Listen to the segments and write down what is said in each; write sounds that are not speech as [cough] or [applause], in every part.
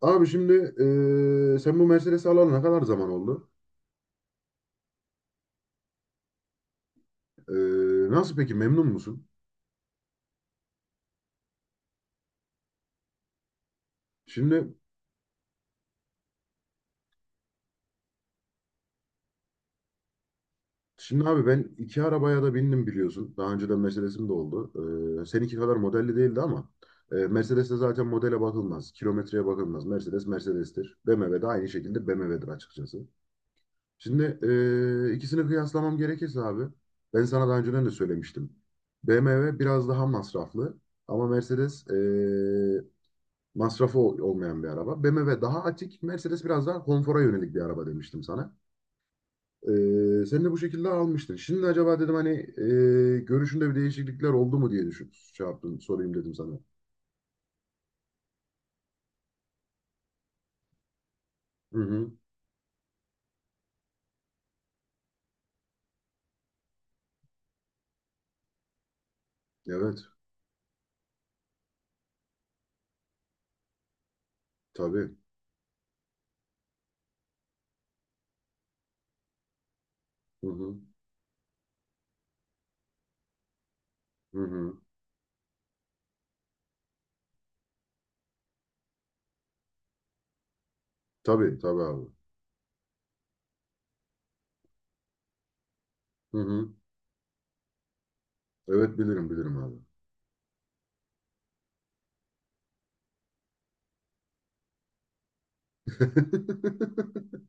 Abi şimdi sen bu Mercedes'i alalı ne kadar zaman oldu? Nasıl peki memnun musun? Şimdi şimdi abi ben iki arabaya da bindim biliyorsun. Daha önceden Mercedes'im de oldu. Seninki kadar modelli değildi ama Mercedes'te zaten modele bakılmaz. Kilometreye bakılmaz. Mercedes Mercedes'tir. BMW de aynı şekilde BMW'dir açıkçası. Şimdi ikisini kıyaslamam gerekirse abi ben sana daha önceden de söylemiştim. BMW biraz daha masraflı ama Mercedes masrafı olmayan bir araba. BMW daha atik, Mercedes biraz daha konfora yönelik bir araba demiştim sana. Sen de bu şekilde almıştın. Şimdi acaba dedim hani görüşünde bir değişiklikler oldu mu diye düşün, şey yaptım, sorayım dedim sana. Hı hı. Evet, tabii. Hı hı. Hı hı. Tabii, tabii abi. Hı hı. Evet bilirim, bilirim abi. [laughs]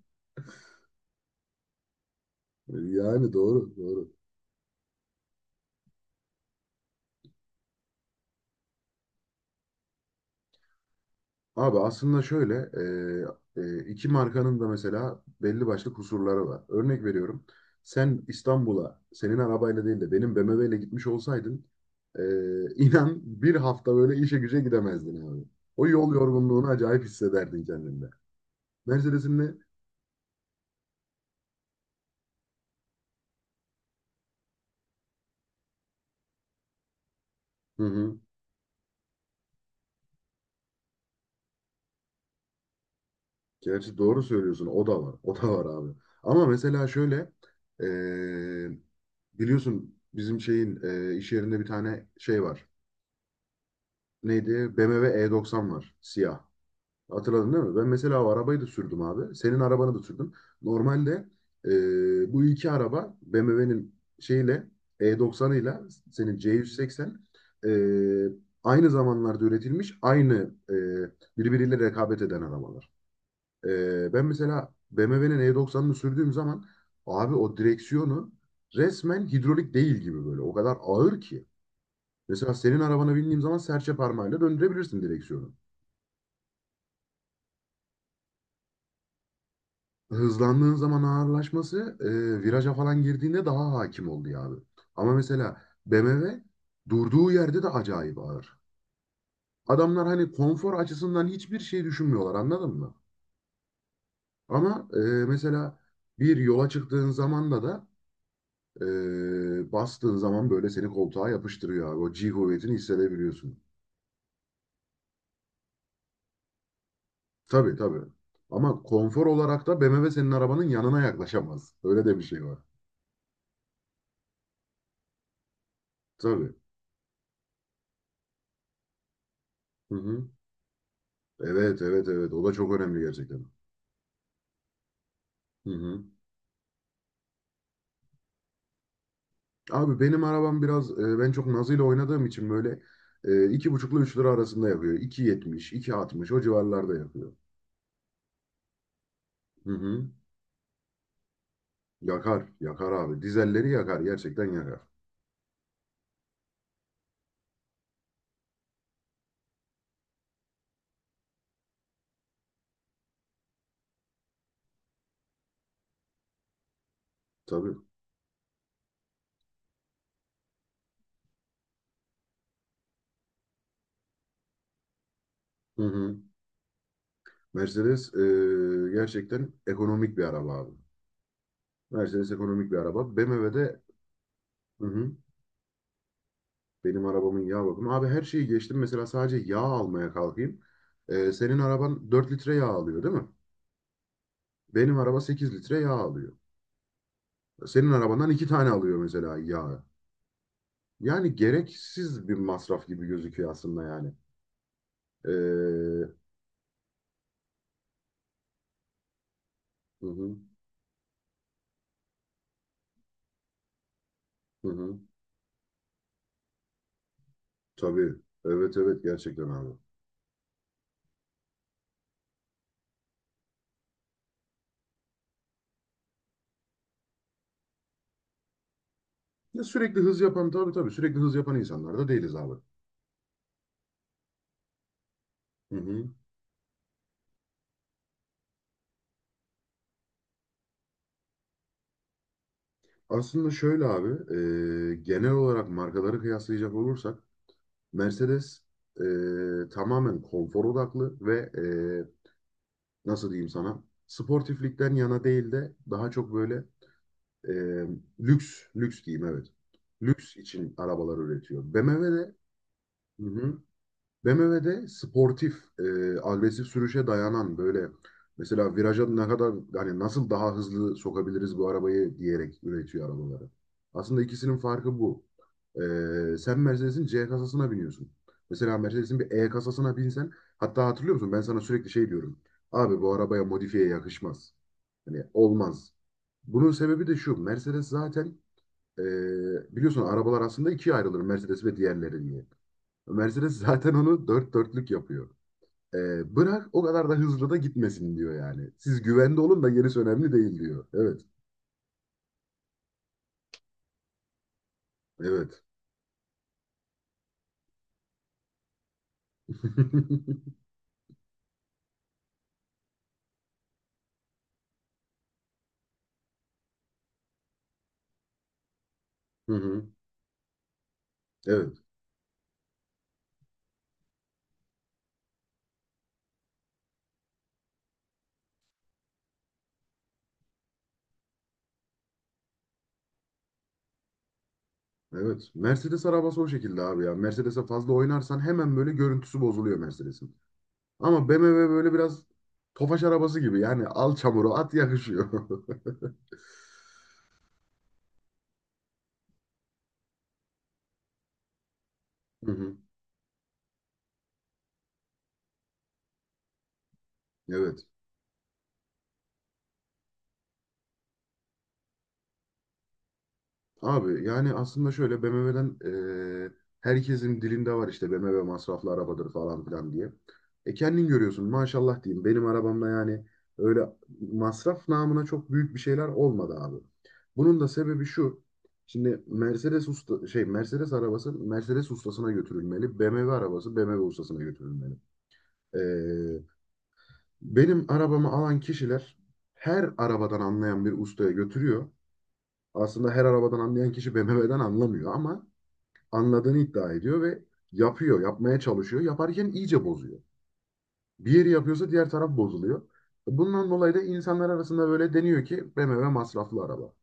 Yani doğru, doğru. Abi aslında şöyle iki markanın da mesela belli başlı kusurları var. Örnek veriyorum. Sen İstanbul'a senin arabayla değil de benim BMW ile gitmiş olsaydın, [laughs] inan bir hafta böyle işe güce gidemezdin abi. O yol yorgunluğunu acayip hissederdin kendinde. Mercedes'in de hı hı, gerçi doğru söylüyorsun, o da var. O da var abi. Ama mesela şöyle e, biliyorsun bizim şeyin iş yerinde bir tane şey var. Neydi? BMW E90 var. Siyah. Hatırladın değil mi? Ben mesela o arabayı da sürdüm abi. Senin arabanı da sürdüm. Normalde bu iki araba BMW'nin şeyle E90'ıyla senin C180 e, aynı zamanlarda üretilmiş, aynı birbiriyle rekabet eden arabalar. Ben mesela BMW'nin E90'ını sürdüğüm zaman abi o direksiyonu resmen hidrolik değil gibi böyle. O kadar ağır ki. Mesela senin arabana bindiğim zaman serçe parmağıyla döndürebilirsin direksiyonu. Hızlandığın zaman ağırlaşması viraja falan girdiğinde daha hakim oluyor abi. Ama mesela BMW durduğu yerde de acayip ağır. Adamlar hani konfor açısından hiçbir şey düşünmüyorlar, anladın mı? Ama mesela bir yola çıktığın zamanda da bastığın zaman böyle seni koltuğa yapıştırıyor abi. O G kuvvetini hissedebiliyorsun. Tabii tabii. Ama konfor olarak da BMW senin arabanın yanına yaklaşamaz. Öyle de bir şey var. Tabii. Hı hı. Evet evet evet. O da çok önemli gerçekten. Hı hı. Abi benim arabam biraz ben çok nazıyla oynadığım için böyle iki buçukla üç lira arasında yapıyor. İki yetmiş, iki 2.60 o civarlarda yapıyor. Hı hı. Yakar, yakar abi. Dizelleri yakar, gerçekten yakar. Tabii. Hı hı. Mercedes gerçekten ekonomik bir araba abi. Mercedes ekonomik bir araba. BMW'de hı hı, benim arabamın yağ bakımı. Abi her şeyi geçtim. Mesela sadece yağ almaya kalkayım. Senin araban 4 litre yağ alıyor değil mi? Benim araba 8 litre yağ alıyor. Senin arabandan iki tane alıyor mesela yağı. Yani gereksiz bir masraf gibi gözüküyor aslında yani. Ee, hı hı, hı hı. Tabii. Evet evet gerçekten abi. Ya sürekli hız yapan tabii tabii sürekli hız yapan insanlar da değiliz abi. Hı hı. Aslında şöyle abi genel olarak markaları kıyaslayacak olursak Mercedes tamamen konfor odaklı ve nasıl diyeyim sana sportiflikten yana değil de daha çok böyle E, lüks, lüks diyeyim, evet. Lüks için arabalar üretiyor. BMW de hı hı. BMW de sportif, e, agresif sürüşe dayanan böyle mesela viraja ne kadar hani nasıl daha hızlı sokabiliriz bu arabayı diyerek üretiyor arabaları. Aslında ikisinin farkı bu. E, Sen Mercedes'in C kasasına biniyorsun. Mesela Mercedes'in bir E kasasına binsen hatta hatırlıyor musun? Ben sana sürekli şey diyorum. Abi bu arabaya modifiye yakışmaz. Hani olmaz. Bunun sebebi de şu. Mercedes zaten biliyorsun arabalar aslında ikiye ayrılır Mercedes ve diğerleri diye. Mercedes zaten onu dört dörtlük yapıyor. Bırak o kadar da hızlı da gitmesin diyor yani. Siz güvende olun da gerisi önemli değil diyor. Evet. Evet. [laughs] Hı hı. Evet. Evet. Mercedes arabası o şekilde abi ya. Mercedes'e fazla oynarsan hemen böyle görüntüsü bozuluyor Mercedes'in. Ama BMW böyle biraz tofaş arabası gibi. Yani al çamuru at, yakışıyor. [laughs] Hı hı. Evet. Abi yani aslında şöyle BMW'den e, herkesin dilinde var işte BMW masraflı arabadır falan filan diye. E kendin görüyorsun, maşallah diyeyim benim arabamda yani öyle masraf namına çok büyük bir şeyler olmadı abi. Bunun da sebebi şu. Şimdi Mercedes usta şey Mercedes arabası Mercedes ustasına götürülmeli. BMW arabası BMW ustasına götürülmeli. E, Benim arabamı alan kişiler her arabadan anlayan bir ustaya götürüyor. Aslında her arabadan anlayan kişi BMW'den anlamıyor ama anladığını iddia ediyor ve yapıyor, yapmaya çalışıyor. Yaparken iyice bozuyor. Bir yeri yapıyorsa diğer taraf bozuluyor. Bundan dolayı da insanlar arasında böyle deniyor ki BMW masraflı araba.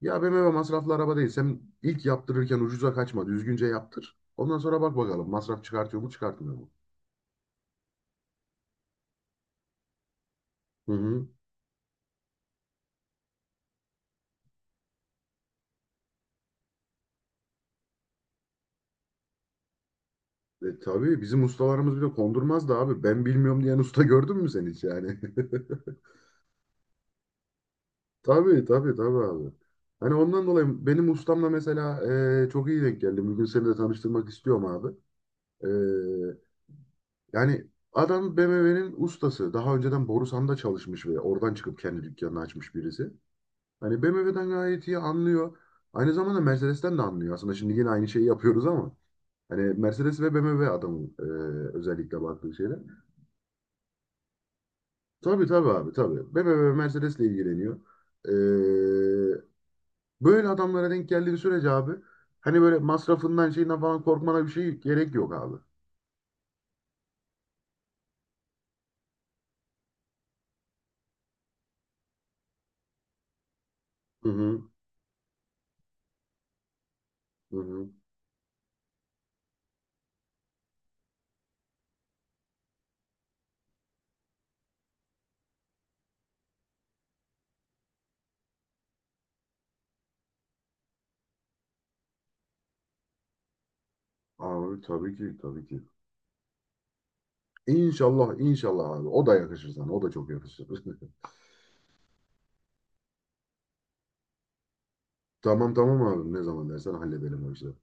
Ya BMW masraflı araba değil. Sen ilk yaptırırken ucuza kaçma, düzgünce yaptır. Ondan sonra bak bakalım masraf çıkartıyor mu, çıkartmıyor mu? Hı hı. E, tabii bizim ustalarımız bile kondurmaz da abi. Ben bilmiyorum diyen usta gördün mü sen hiç yani? [laughs] Tabii tabii tabii abi. Hani ondan dolayı benim ustamla mesela çok iyi denk geldi. Bugün seni de tanıştırmak istiyorum abi. E, Yani adam BMW'nin ustası. Daha önceden Borusan'da çalışmış ve oradan çıkıp kendi dükkanını açmış birisi. Hani BMW'den gayet iyi anlıyor. Aynı zamanda Mercedes'ten de anlıyor. Aslında şimdi yine aynı şeyi yapıyoruz ama. Hani Mercedes ve BMW adamın özellikle baktığı şeyler. Tabii tabii abi tabii. BMW ve Mercedes'le ilgileniyor. Böyle adamlara denk geldiği sürece abi hani böyle masrafından şeyinden falan korkmana bir şey gerek yok abi. Hı hı, hı hı. Abi tabii ki tabii ki. İnşallah inşallah abi. O da yakışır sana. O da çok yakışır. [laughs] Tamam tamam abi. Ne zaman dersen halledelim o işleri.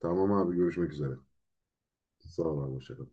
Tamam abi görüşmek üzere. Sağ ol abi. Hoşça kal.